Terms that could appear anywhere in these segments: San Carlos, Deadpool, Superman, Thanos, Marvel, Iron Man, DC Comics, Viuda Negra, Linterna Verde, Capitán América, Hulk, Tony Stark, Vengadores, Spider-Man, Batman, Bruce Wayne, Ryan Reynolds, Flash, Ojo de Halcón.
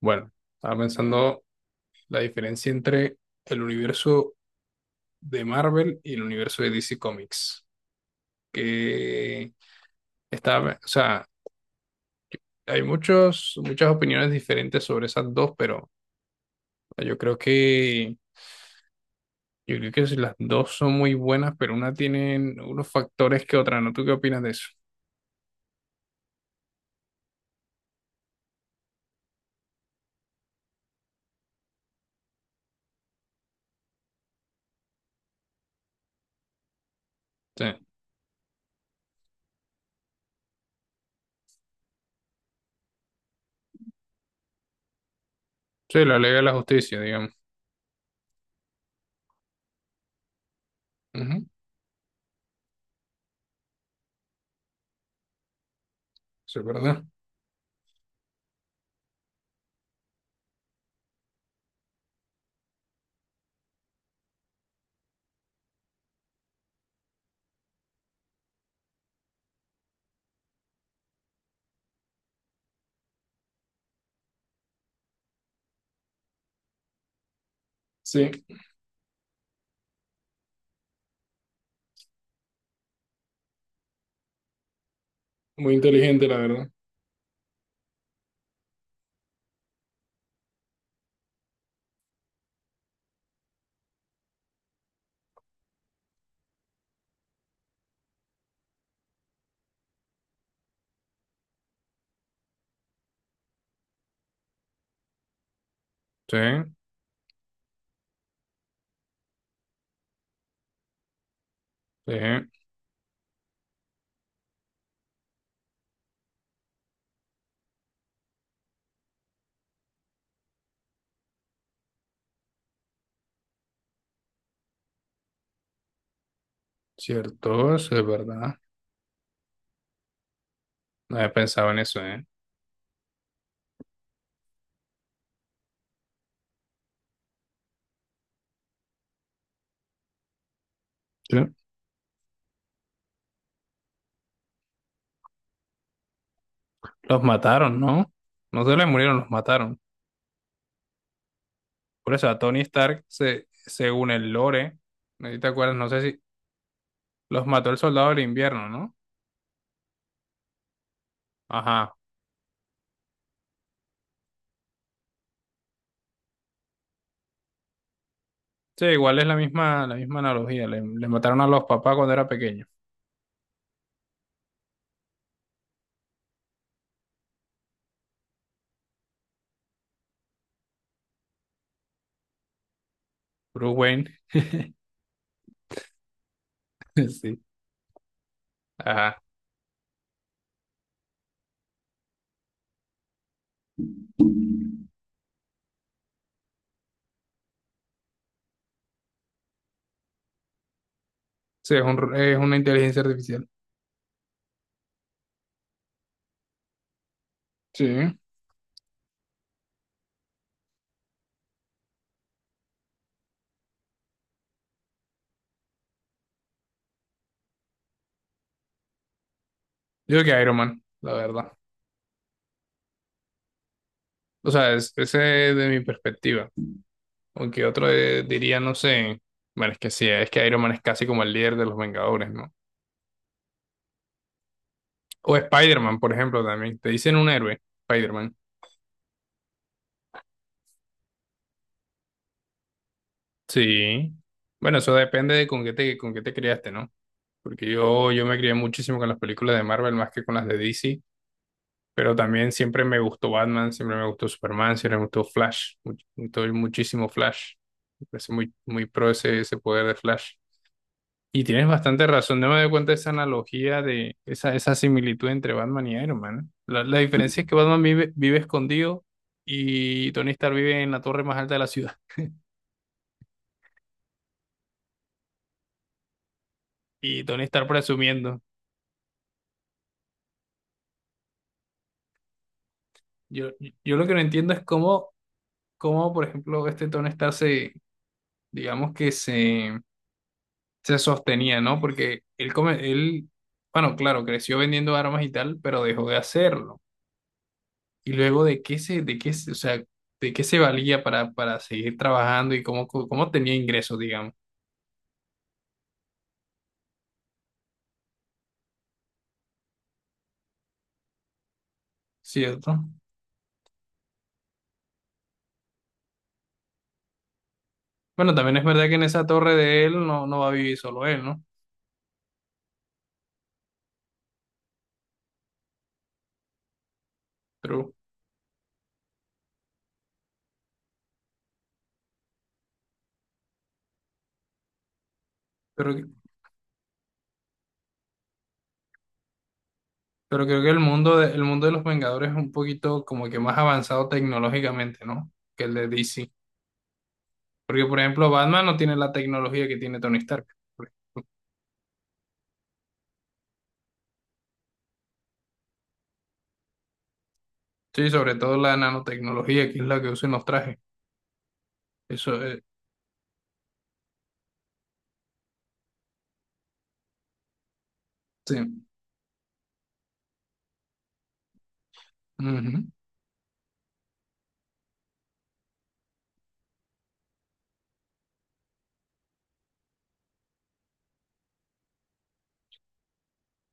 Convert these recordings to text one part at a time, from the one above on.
Bueno, estaba pensando la diferencia entre el universo de Marvel y el universo de DC Comics. Que estaba, o sea, hay muchas opiniones diferentes sobre esas dos, pero yo creo que, yo creo que si las dos son muy buenas, pero una tienen unos factores que otra, ¿no? ¿Tú qué opinas de eso? Sí, sí, la ley de la justicia, digamos. Ujú. Sí, ¿es verdad? Sí, muy inteligente, la verdad. Sí, sí, cierto, eso es verdad. No había pensado en eso, ¿eh? Sí. Los mataron, ¿no? No se les murieron, los mataron. Por eso a Tony Stark, según el lore, ¿no te acuerdas? No sé si los mató el soldado del invierno, ¿no? Ajá. Sí, igual es la misma analogía. Les mataron a los papás cuando era pequeño. Bruce Wayne. Sí. Ajá. Sí, es una inteligencia artificial. Sí. Yo creo que Iron Man, la verdad. O sea, ese es de mi perspectiva. Aunque otro diría, no sé. Bueno, es que Iron Man es casi como el líder de los Vengadores, ¿no? O Spider-Man, por ejemplo, también. Te dicen un héroe, Spider-Man. Sí. Bueno, eso depende de con qué te criaste, ¿no? Porque yo me crié muchísimo con las películas de Marvel más que con las de DC, pero también siempre me gustó Batman, siempre me gustó Superman, siempre me gustó Flash, muchísimo Flash. Me parece muy pro ese poder de Flash. Y tienes bastante razón, no me doy cuenta de esa analogía, esa similitud entre Batman y Iron Man, ¿eh? La diferencia es que Batman vive escondido y Tony Stark vive en la torre más alta de la ciudad. Y Tony Stark presumiendo. Yo, yo lo que no entiendo es cómo, por ejemplo, este Tony Stark digamos se sostenía, ¿no? Porque él, claro, creció vendiendo armas y tal, pero dejó de hacerlo. Y luego o sea, de qué se valía para seguir trabajando y cómo tenía ingresos, digamos, ¿cierto? Bueno, también es verdad que en esa torre de él no va a vivir solo él, ¿no? Pero, pero, pero creo que el mundo de los Vengadores es un poquito como que más avanzado tecnológicamente, ¿no? Que el de DC. Porque, por ejemplo, Batman no tiene la tecnología que tiene Tony Stark, por ejemplo. Sí, sobre todo la nanotecnología, que es la que usa en los trajes. Eso, eh, sí. Ujú.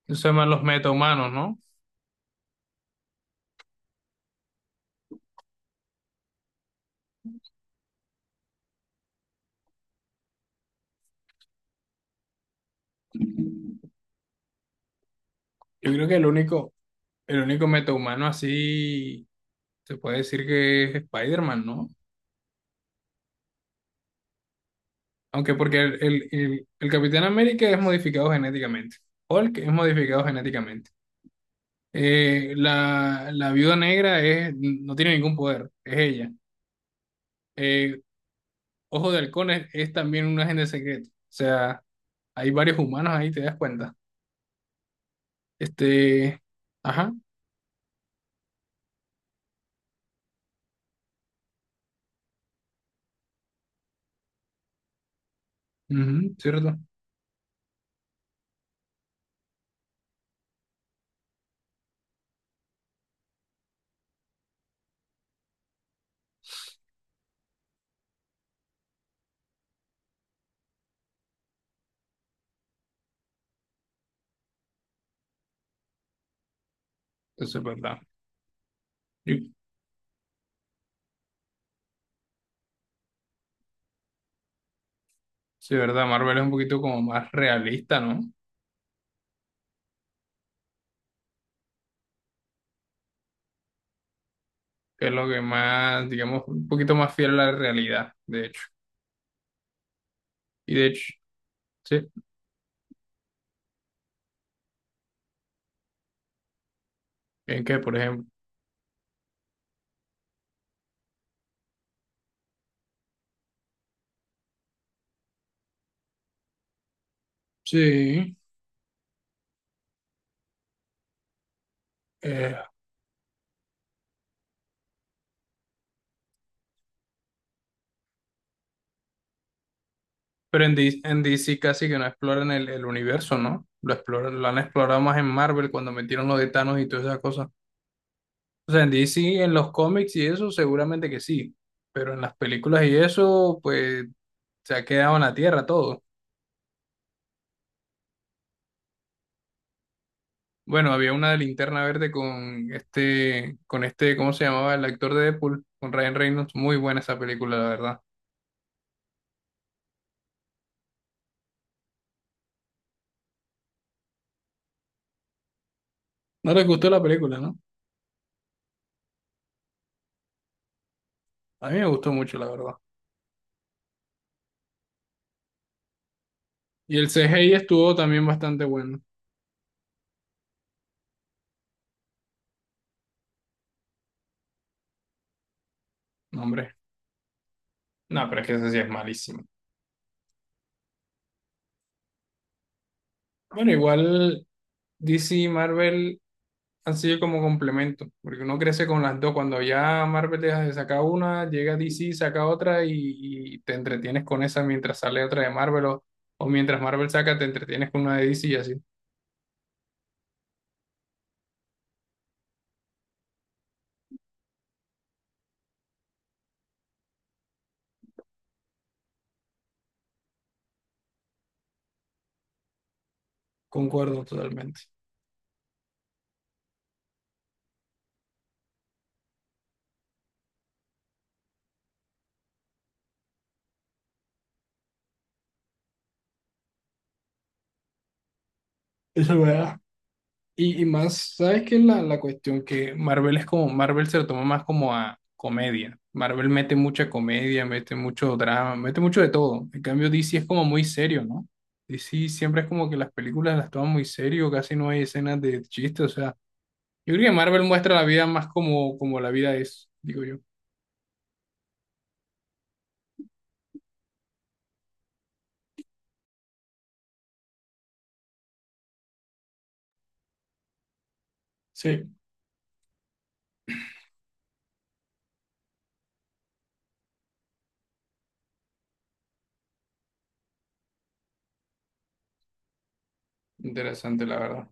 Eso se llaman los metahumanos, ¿no? Yo creo que el único metahumano así se puede decir que es Spider-Man, ¿no? Aunque porque el Capitán América es modificado genéticamente. Hulk es modificado genéticamente. La Viuda Negra es, no tiene ningún poder, es ella. Eh, Ojo de Halcón es también un agente secreto. O sea, hay varios humanos ahí, te das cuenta. Este, ajá, ujú, ¿cierto? Eso es verdad. Y sí, es verdad, Marvel es un poquito como más realista, ¿no? Que es lo que más, digamos, un poquito más fiel a la realidad, de hecho. Y de hecho, sí, en que, por ejemplo, sí, eh, pero en DC casi que no exploran el universo, ¿no? Lo exploran, lo han explorado más en Marvel cuando metieron lo de Thanos y todas esas cosas. O sea, en DC, en los cómics y eso, seguramente que sí, pero en las películas y eso, pues se ha quedado en la tierra todo. Bueno, había una de Linterna Verde con este, ¿cómo se llamaba? El actor de Deadpool, con Ryan Reynolds. Muy buena esa película, la verdad. No les gustó la película, ¿no? A mí me gustó mucho, la verdad. Y el C CGI estuvo también bastante bueno. No, hombre. No, pero es que ese sí es malísimo. Bueno, igual D C y Marvel han sido como complemento, porque uno crece con las dos. Cuando ya Marvel deja de sacar una, llega D C saca otra y te entretienes con esa mientras sale otra de Marvel o mientras Marvel saca, te entretienes con una de D C. Y así. Concuerdo totalmente. Eso es verdad. Y más, ¿sabes qué es la cuestión? Que Marvel es como, Marvel se lo toma más como a comedia. Marvel mete mucha comedia, mete mucho drama, mete mucho de todo. En cambio, DC es como muy serio, ¿no? DC siempre es como que las películas las toman muy serio, casi no hay escenas de chiste, o sea, yo creo que Marvel muestra la vida más como, como la vida es, digo yo. Sí, interesante, la verdad.